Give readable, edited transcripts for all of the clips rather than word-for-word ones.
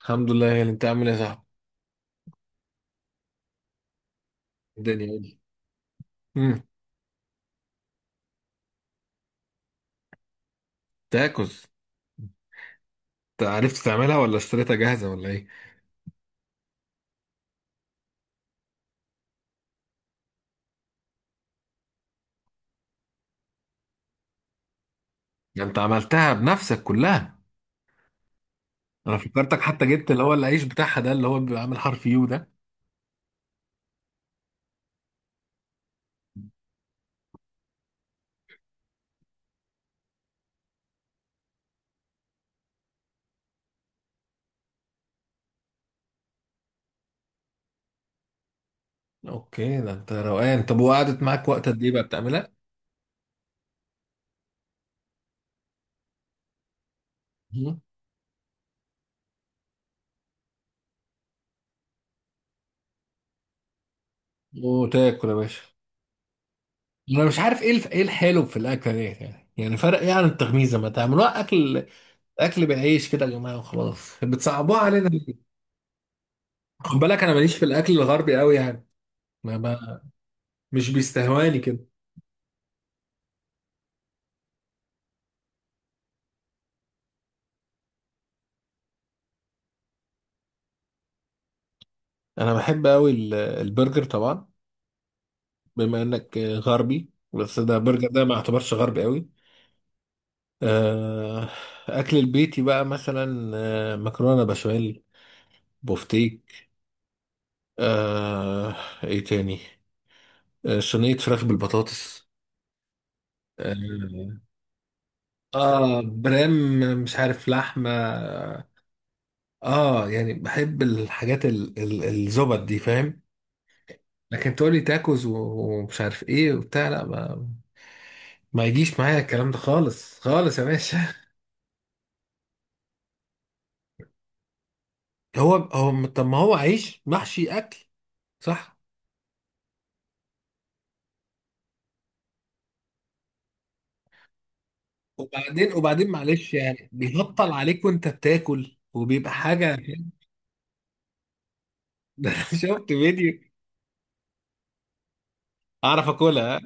الحمد لله، يا اللي انت عامل ايه يا صاحبي. الدنيا قولي. امم تاكوز. انت عرفت تعملها ولا اشتريتها جاهزه ولا ايه؟ ده انت عملتها بنفسك كلها؟ انا فكرتك حتى جبت اللي هو العيش بتاعها ده اللي هو بيبقى عامل حرف يو ده. اوكي، ده انت روقان. طب وقعدت معاك وقت قد ايه بقى بتعملها؟ مم. وتاكل يا باشا. انا مش عارف ايه الحلو في الاكله ديت، يعني فرق ايه عن التغميزه، ما تعملوها اكل؟ اكل بالعيش كده يا جماعه وخلاص، بتصعبوها علينا ليه؟ خد بالك انا ماليش في الاكل الغربي قوي يعني. ما... ما... مش بيستهواني كده. انا بحب قوي البرجر طبعا. بما انك غربي، بس ده برجر ده ما اعتبرش غربي قوي. آه، اكل البيتي بقى مثلا، مكرونه بشاميل، بوفتيك. آه، ايه تاني؟ صينيه فراخ بالبطاطس. اه برام مش عارف لحمه. اه يعني بحب الحاجات الزبط دي، فاهم. لكن تقولي تاكوز ومش عارف ايه وبتاع، لا، ما يجيش معايا الكلام ده خالص خالص يا باشا. هو هو طب ما هو عيش محشي اكل. صح. وبعدين معلش، يعني بيهطل عليك وانت بتاكل وبيبقى حاجه ده أنا شفت فيديو اعرف اكلها.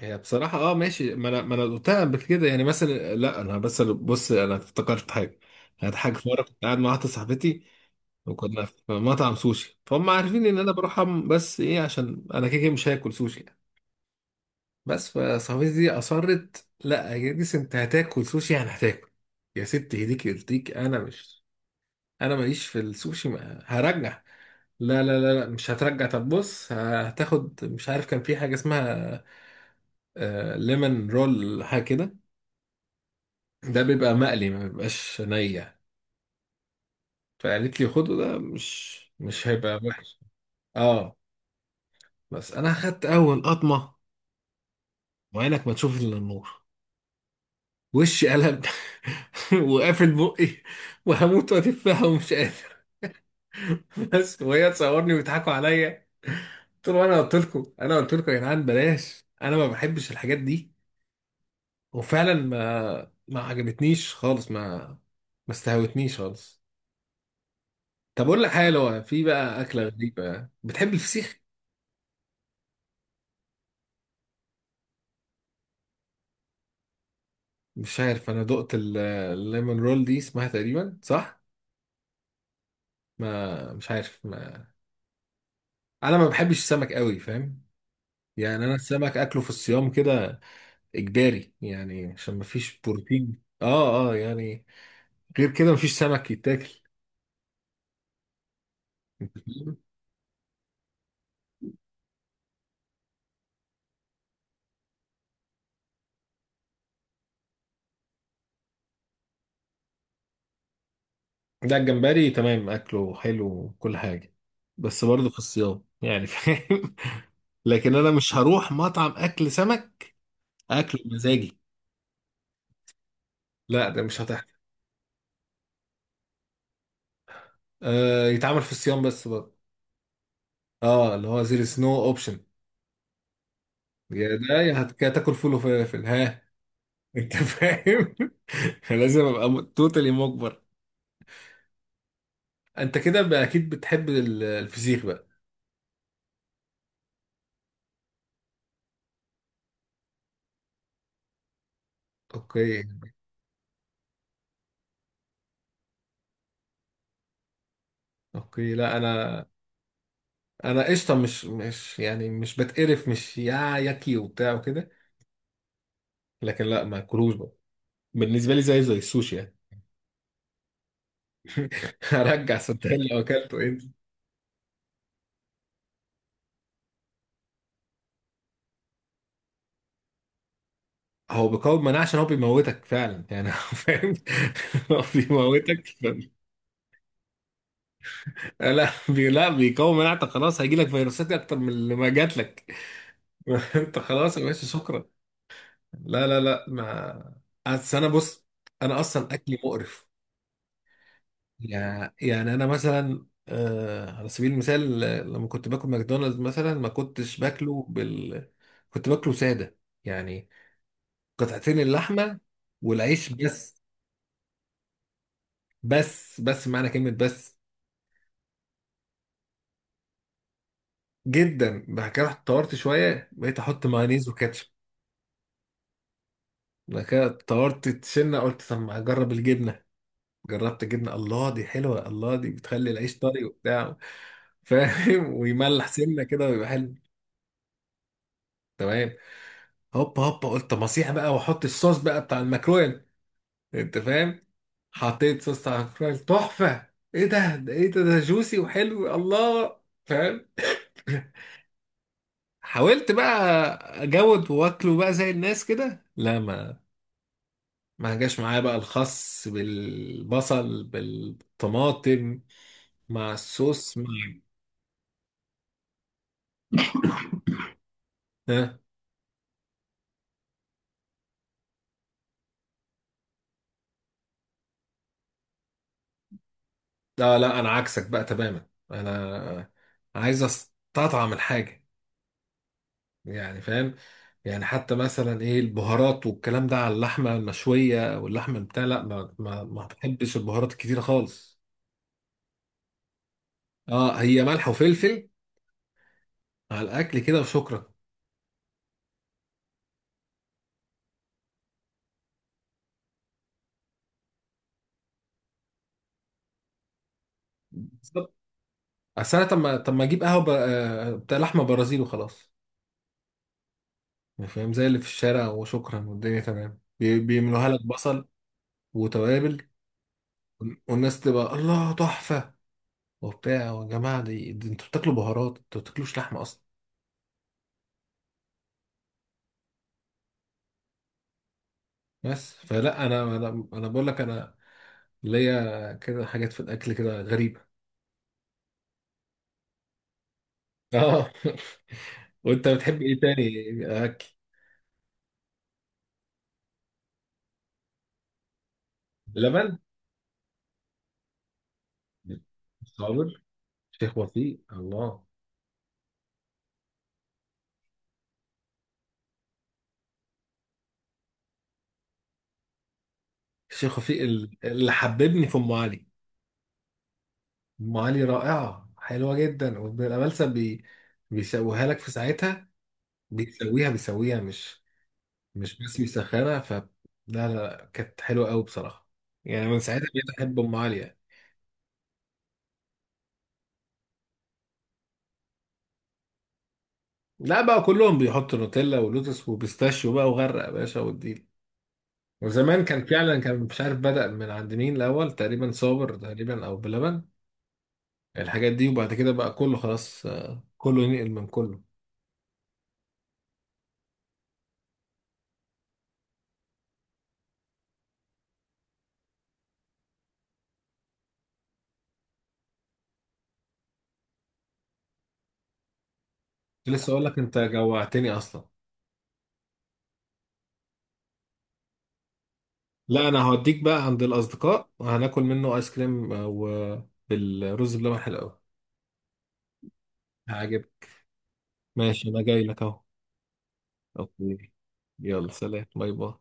هي بصراحه ماشي، ما انا قلتها قبل كده يعني. مثلا لا، انا بس، بص انا افتكرت حاجه. كانت حاجه في مره، كنت قاعد مع واحده صاحبتي وكنا في مطعم سوشي، فهم عارفين ان انا بروح بس ايه، عشان انا كده كده مش هاكل سوشي يعني. بس فصاحبتي دي اصرت، لا يا جديس، انت هتاكل سوشي، يعني هتاكل. يا ست ايديك يرضيك، انا ماليش في السوشي، ما هرجع. لا لا لا لا، مش هترجع، طب بص هتاخد، مش عارف كان في حاجه اسمها ليمون رول حاجه كده، ده بيبقى مقلي ما بيبقاش نية. فقالت لي خده، ده مش هيبقى وحش. اه بس انا خدت اول قطمه، وعينك ما تشوف الا النور، وشي قلب وقافل بقي، وهموت واتفها ومش قادر بس وهي تصورني ويضحكوا عليا. قلت له انا قلت لكم، انا قلت لكم يا جدعان بلاش، انا ما بحبش الحاجات دي. وفعلا ما عجبتنيش خالص، ما استهوتنيش خالص. طب اقول لك حاجه، لو في بقى اكله غريبه، بتحب الفسيخ؟ مش عارف، انا دقت الليمون رول دي اسمها تقريبا صح؟ ما مش عارف ما. انا ما بحبش السمك قوي فاهم. يعني انا السمك اكله في الصيام كده، اجباري، يعني عشان مفيش بروتين. اه اه يعني غير كده مفيش سمك يتاكل. ده الجمبري تمام، اكله حلو وكل حاجه، بس برضه في الصيام يعني، فاهم لكن انا مش هروح مطعم اكل سمك، اكله مزاجي. لا ده مش هتحصل. يتعمل في الصيام بس برضه. اه اللي هو زير سنو اوبشن. يا ده، يا يا تاكل فول وفلافل، ها؟ انت فاهم لازم ابقى توتالي مجبر. انت كده بقى اكيد بتحب الفسيخ بقى. اوكي. اوكي، لا، انا قشطه، مش يعني مش بتقرف، مش يا ياكي وبتاع وكده، لكن لا، ما اكلوش بقى. بالنسبه لي زي السوشي يعني هرجع صدقني لو اكلته انت. هو بيقاوم مناعه، عشان هو بيموتك فعلا يعني هو فاهم. هو بيموتك لا لا بيقاوم مناعتك خلاص، هيجي لك فيروسات اكتر من اللي ما جات لك انت خلاص يا باشا شكرا. لا لا لا، ما أصل انا بص، انا اصلا اكلي مقرف. يعني انا مثلا، على سبيل المثال، لما كنت باكل ماكدونالدز مثلا، ما كنتش باكله كنت باكله ساده يعني، قطعتين اللحمه والعيش بس. بس معنى كلمه بس، جدا. بعد كده رحت طورت شويه، بقيت احط مايونيز وكاتشب. بعد كده طورت سنه قلت، طب ما اجرب الجبنه. جربت الجبنه، الله دي حلوه، الله دي بتخلي العيش طري وبتاع، فاهم ويملح سنه كده ويبقى حلو. تمام. هوبا هوبا قلت، طب اصيح بقى واحط الصوص بقى بتاع الماكرويل، انت فاهم. حطيت صوص بتاع الماكرويل تحفه. ايه ده، ايه ده جوسي وحلو، الله، فاهم. حاولت بقى اجود واكله بقى زي الناس كده، لا، ما جاش معايا بقى الخس بالبصل بالطماطم مع الصوص ها. لا لا، انا عكسك بقى تماما، انا عايز استطعم الحاجه، يعني فاهم. يعني حتى مثلا، ايه البهارات والكلام ده على اللحمه المشويه واللحمه بتاع، لا، ما بحبش البهارات الكتيره خالص. اه، هي ملح وفلفل على الاكل كده وشكرا. بالظبط. اصل انا، طب ما اجيب قهوه بتاع لحمه برازيل وخلاص، يعني فاهم، زي اللي في الشارع وشكرا، والدنيا تمام، بيعملوها لك بصل وتوابل، والناس تبقى، الله تحفه، وبتاع. يا جماعه دي انتوا بتاكلوا بهارات، انتوا ما بتاكلوش لحمه اصلا. بس فلا، انا انا أنا بقول لك، انا اللي هي كده حاجات في الاكل كده غريبه. اه وانت بتحب ايه تاني اكل؟ لبن. صابر، شيخ وفيق، الله. الشيخ وفيق اللي حببني في ام علي. ام علي رائعه، حلوه جدا، وابن الامالسه بيسويها لك في ساعتها. بيسويها، مش بس بيسخنها، لا لا لا، كانت حلوه قوي بصراحه. يعني من ساعتها بقيت احب ام علي يعني. لا بقى كلهم بيحطوا نوتيلا ولوتس وبيستاشيو بقى، وغرق يا باشا والديل. وزمان كان فعلا، كان مش عارف بدأ من عند مين الأول، تقريبا صابر تقريبا، أو بلبن. الحاجات دي، وبعد كده بقى كله خلاص، كله ينقل من كله. كنت لسه أقول لك، أنت جوعتني أصلا. لا، أنا هوديك بقى عند الأصدقاء وهناكل منه آيس كريم، وبالرز بلبن حلو أوي، هعجبك. ماشي، أنا جاي لك أهو. أوكي. يلا سلام، باي باي.